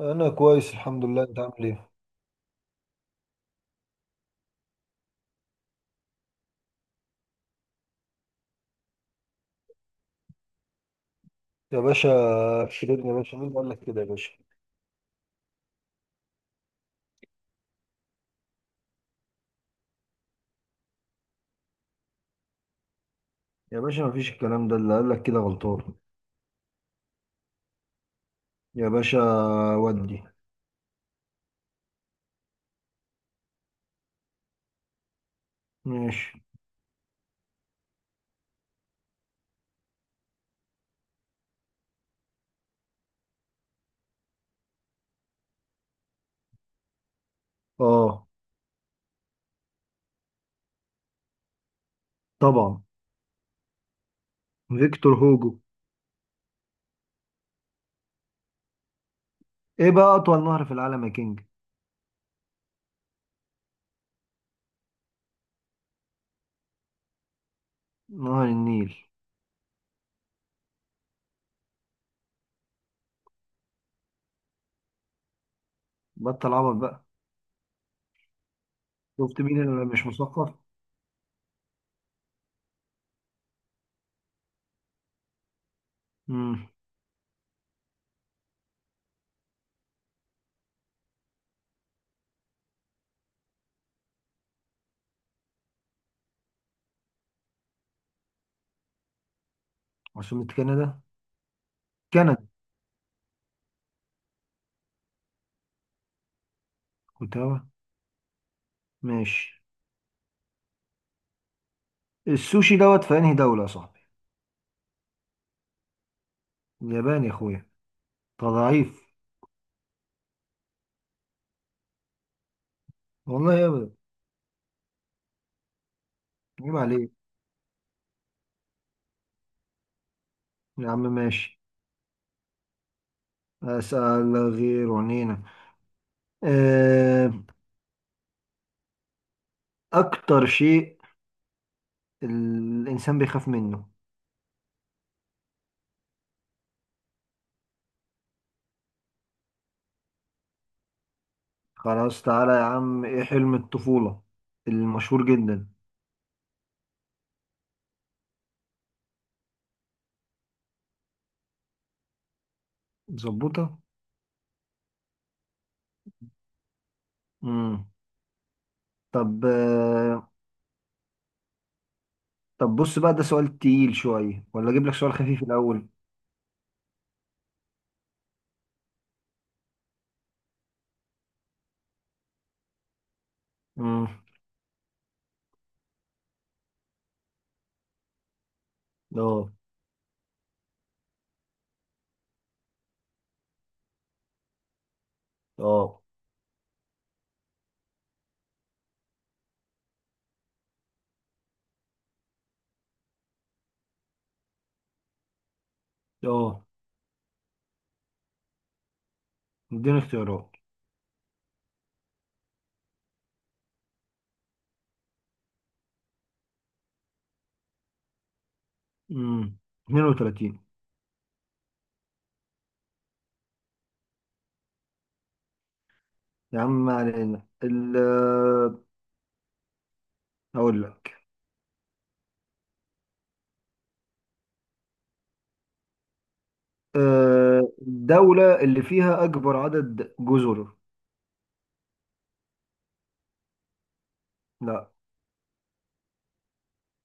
انا كويس، الحمد لله. انت عامل ايه؟ يا باشا، شيرين يا باشا، مين اللي قال لك كده يا باشا؟ يا باشا، مفيش الكلام ده، اللي قال لك كده غلطان. يا باشا، ودي... ماشي. اه، طبعا. فيكتور هوجو. ايه بقى اطول نهر في العالم يا كينج؟ نهر النيل. بطل عبط بقى. شفت مين اللي مش مثقف. امم عاصمة كندا. كندا. كنت هوا. ماشي. السوشي دوت في انهي دولة يا صاحبي؟ اليابان يا اخويا. انت ضعيف. والله يا ابدا. عيب عليك. يا عم ماشي. أسأل غير عنينا. آه، أكتر شيء الإنسان بيخاف منه. خلاص تعالى يا عم، إيه حلم الطفولة المشهور جدا؟ ظبطة. مم. طب آه، طب بص بقى، ده سؤال تقيل شوية ولا أجيب لك سؤال خفيف الأول؟ مم. أه، أه، أه. اديني اختيارات. مم. 32. يا عم ما علينا أقول لك. الدولة اللي فيها أكبر عدد جزر؟ لا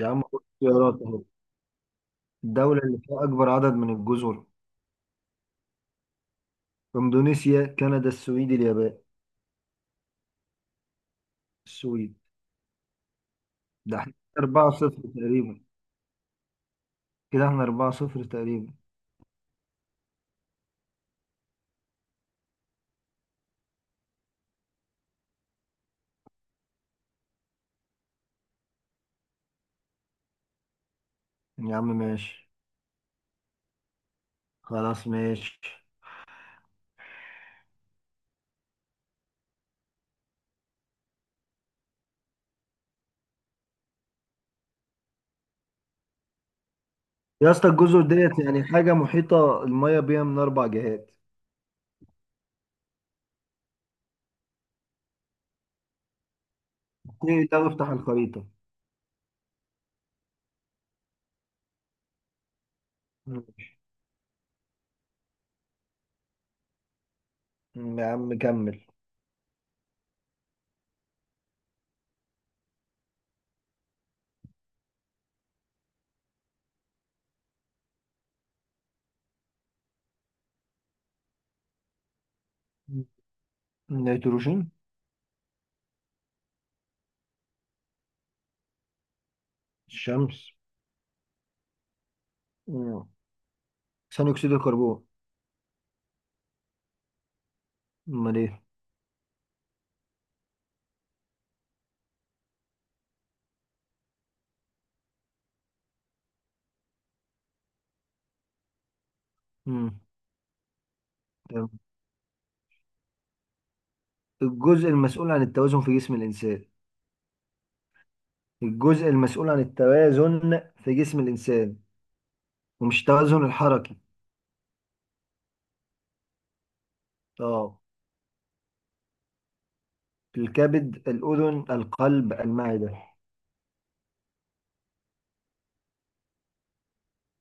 يا عم خد اختيارات اهو. الدولة اللي فيها أكبر عدد من الجزر؟ إندونيسيا، كندا، السويد، اليابان. السويد. ده احنا 4 صفر تقريبا. كده احنا 4 صفر تقريبا. يعني يا عم ماشي. خلاص ماشي. يا اسطى، الجزر ديت يعني حاجة محيطة المية بيها من أربع جهات. ايه ده، افتح الخريطة. مم. يا عم كمل. مم. نيتروجين. الشمس. مم. ثاني أكسيد الكربون. أمال إيه؟ مم. تمام. الجزء المسؤول عن التوازن في جسم الإنسان. الجزء المسؤول عن التوازن في جسم الإنسان، ومش التوازن الحركي. اه. الكبد، الأذن، القلب، المعدة.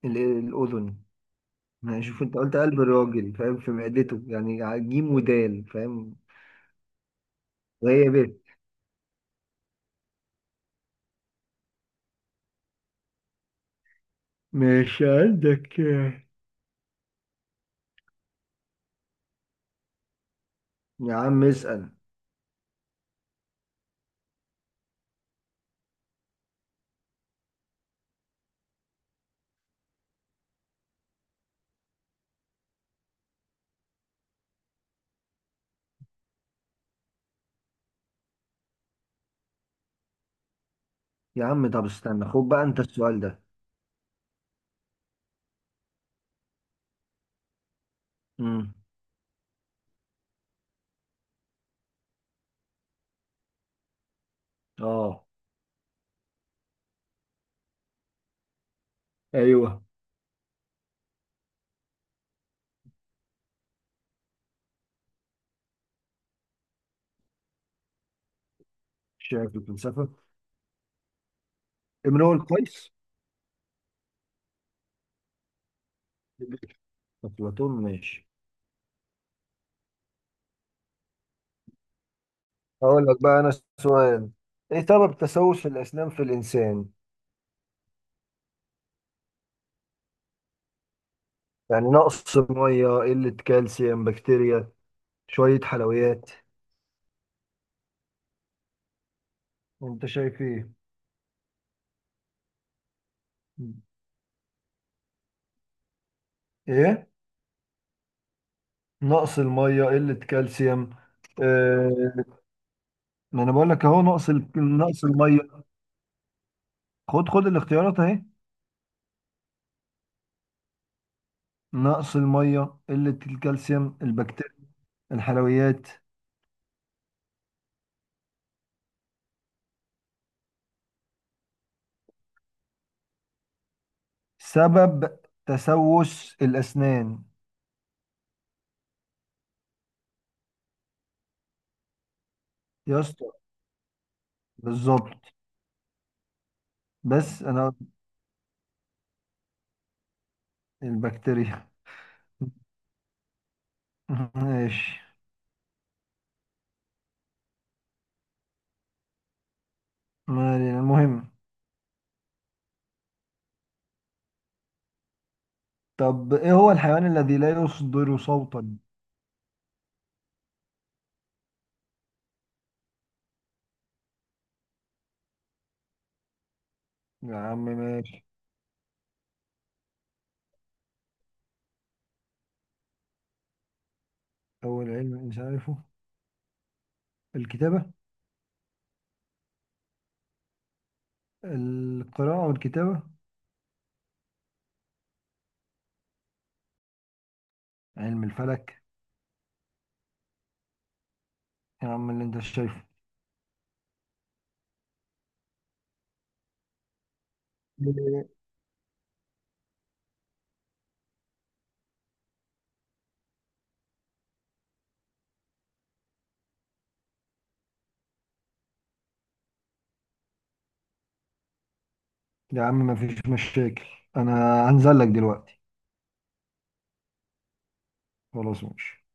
الأذن. يعني شوف، أنت قلت قلب الراجل فاهم في معدته، يعني جيم ودال فاهم. وهي ب. مش عندك. يا عم اسأل. يا عم طب استنى، خد بقى أنت السؤال ده. امم اه، ايوه. شايف الفلسفة. امرؤ القيس. أفلاطون ماشي. هقول لك بقى انا سؤال. ايه سبب تسوس الاسنان في الانسان؟ يعني نقص ميه، قله كالسيوم، بكتيريا، شويه حلويات. انت شايف ايه؟ ايه. نقص الميه، قله كالسيوم. آه، ما انا بقول لك اهو نقص الميه. خد الاختيارات اهي. نقص الميه، قله الكالسيوم، البكتيريا، الحلويات. سبب تسوس الاسنان. يا اسطى بالظبط. بس انا قلت البكتيريا. ماشي. ما علينا. المهم. طب ايه هو الحيوان الذي لا يصدر صوتا؟ يا عم ماشي. اول علم الانسان عارفه؟ الكتابة. القراءة والكتابة. علم الفلك. يا عم اللي انت شايفه. يا عم مفيش مشاكل. انا هنزل لك دلوقتي. خلاص ماشي.